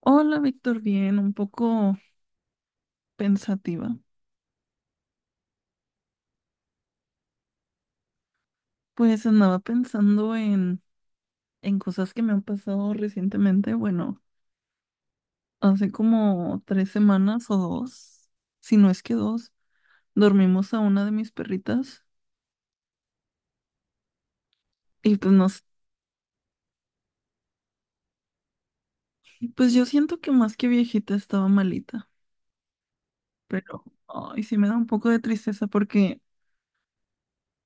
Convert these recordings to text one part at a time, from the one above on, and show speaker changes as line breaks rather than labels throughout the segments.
Hola, Víctor, bien, un poco pensativa. Pues andaba pensando en cosas que me han pasado recientemente. Bueno, hace como 3 semanas o 2, si no es que 2, dormimos a una de mis perritas y pues no sé, pues yo siento que más que viejita estaba malita, pero ay, sí me da un poco de tristeza porque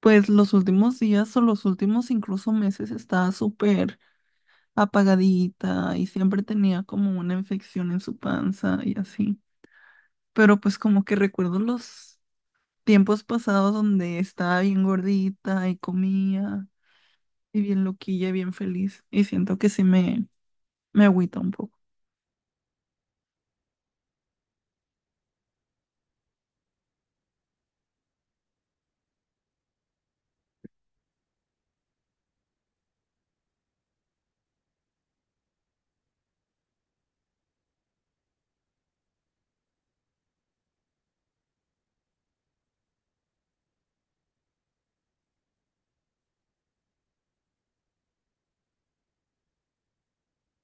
pues los últimos días o los últimos incluso meses estaba súper apagadita y siempre tenía como una infección en su panza y así. Pero pues como que recuerdo los tiempos pasados donde estaba bien gordita y comía y bien loquilla y bien feliz y siento que sí me agüita un poco.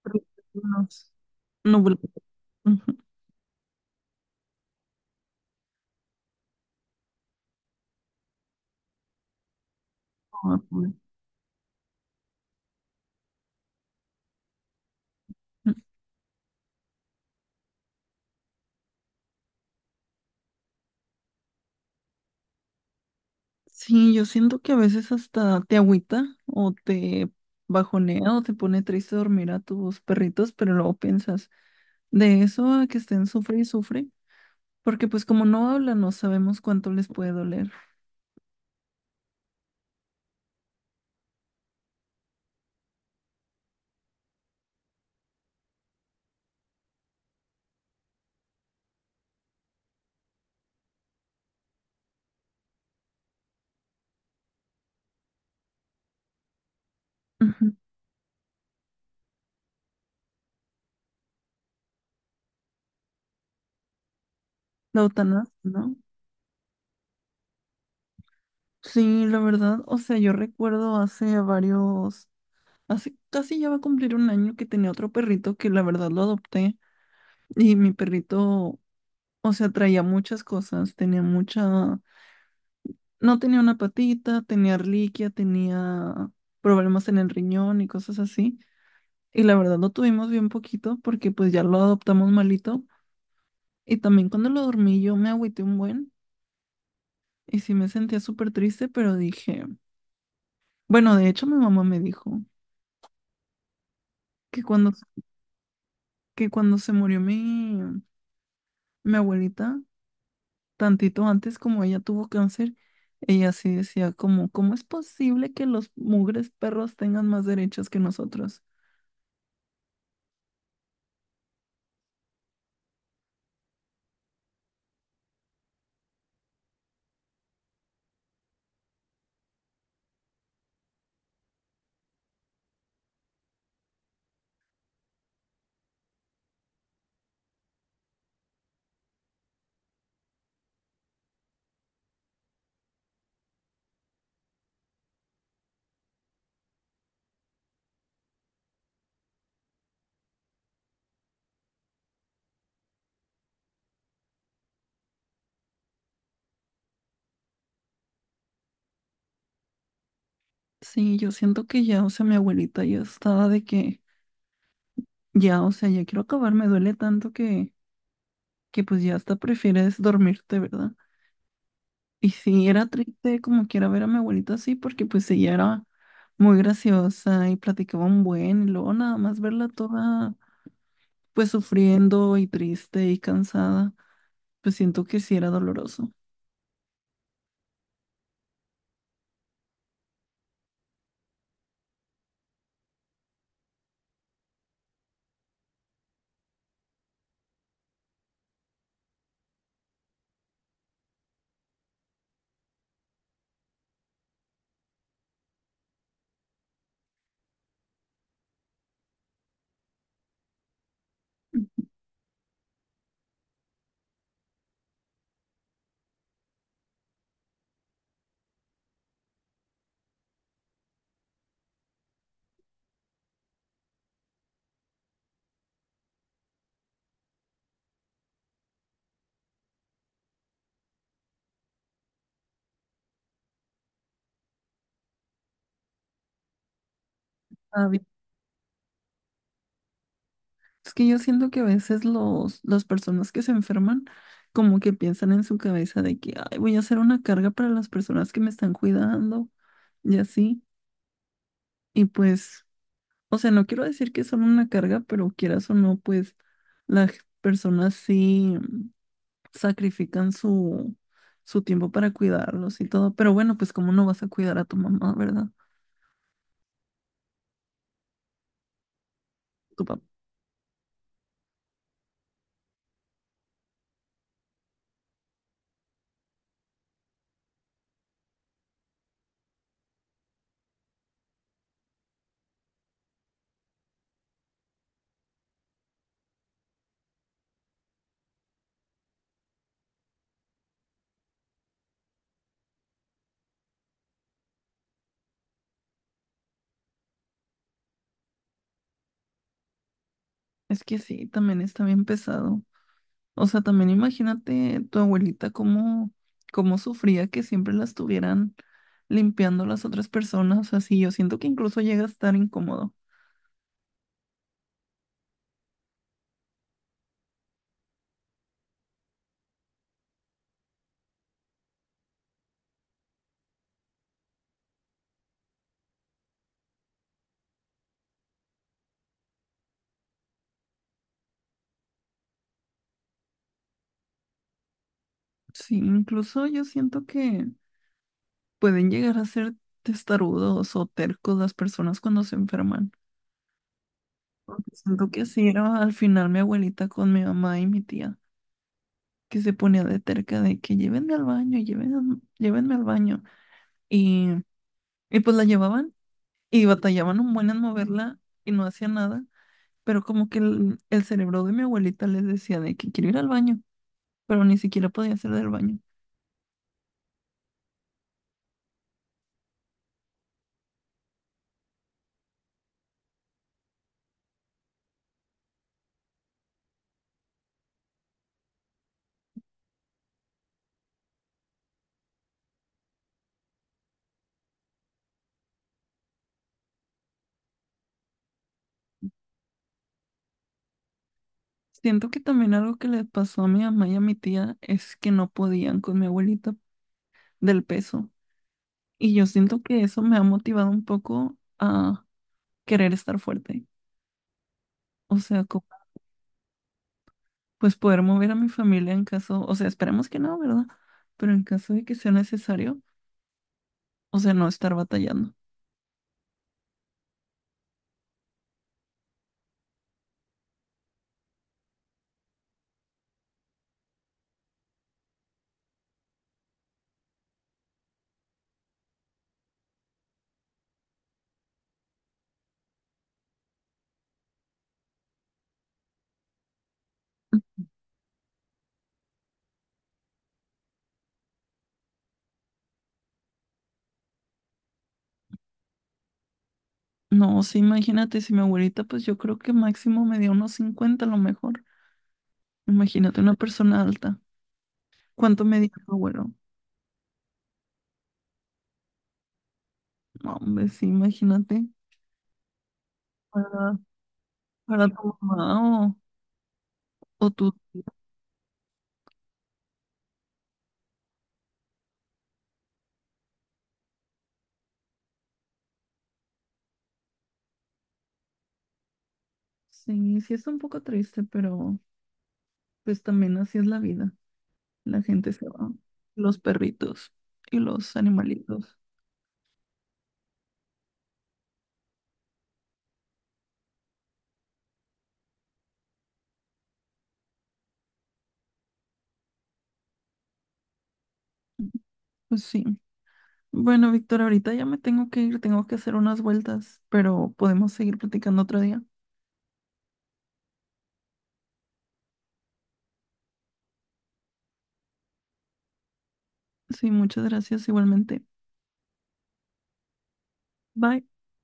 Recuerdos nublados. Ujú. Ah, pues. Sí, yo siento que a veces hasta te agüita o te bajonea o te pone triste dormir a tus perritos, pero luego piensas, de eso a que estén sufre y sufre. Porque pues como no hablan, no sabemos cuánto les puede doler. Ujú. La eutanasia, ¿no? Sí, la verdad, o sea, yo recuerdo hace casi ya va a cumplir un año que tenía otro perrito que la verdad lo adopté y mi perrito, o sea, traía muchas cosas, no tenía una patita, tenía reliquia, tenía problemas en el riñón y cosas así. Y la verdad lo tuvimos bien poquito porque pues ya lo adoptamos malito. Y también cuando lo dormí yo me agüité un buen. Y sí me sentía súper triste, pero dije, bueno, de hecho mi mamá me dijo que cuando, que cuando se murió mi abuelita, tantito antes como ella tuvo cáncer, ella sí decía como, ¿cómo es posible que los mugres perros tengan más derechos que nosotros? Sí, yo siento que ya, o sea, mi abuelita ya estaba de que, ya, o sea, ya quiero acabar, me duele tanto que pues ya hasta prefieres dormirte, ¿verdad? Y sí, era triste como quiera ver a mi abuelita así, porque pues ella era muy graciosa y platicaba un buen, y luego nada más verla toda pues sufriendo y triste y cansada, pues siento que sí era doloroso. Había. Es que yo siento que a veces los, las personas que se enferman como que piensan en su cabeza de que, ay, voy a hacer una carga para las personas que me están cuidando y así. Y pues, o sea, no quiero decir que son una carga, pero quieras o no, pues las personas sí sacrifican su tiempo para cuidarlos y todo. Pero bueno, pues cómo no vas a cuidar a tu mamá, ¿verdad? Tu papá. Es que sí, también está bien pesado. O sea, también imagínate tu abuelita cómo sufría que siempre la estuvieran limpiando las otras personas. O sea, sí, yo siento que incluso llega a estar incómodo. Sí, incluso yo siento que pueden llegar a ser testarudos o tercos las personas cuando se enferman. Porque siento que así era al final mi abuelita con mi mamá y mi tía, que se ponía de terca de que llévenme al baño, llévenme, llévenme al baño. Y, y pues la llevaban y batallaban un buen en moverla y no hacía nada. Pero como que el cerebro de mi abuelita les decía de que quiero ir al baño, pero ni siquiera podía hacer del baño. Siento que también algo que le pasó a mi mamá y a mi tía es que no podían con mi abuelita del peso. Y yo siento que eso me ha motivado un poco a querer estar fuerte. O sea, pues poder mover a mi familia en caso, o sea, esperemos que no, ¿verdad? Pero en caso de que sea necesario, o sea, no estar batallando. No, sí, imagínate, si mi abuelita, pues yo creo que máximo me dio unos 50 a lo mejor. Imagínate una persona alta. ¿Cuánto medía tu abuelo? No, hombre, sí, imagínate. Para, para tu mamá o tú. Sí, sí es un poco triste, pero pues también así es la vida. La gente se va. Los perritos y los animalitos. Pues sí. Bueno, Víctor, ahorita ya me tengo que ir, tengo que hacer unas vueltas, pero podemos seguir platicando otro día. Sí, muchas gracias igualmente. Bye.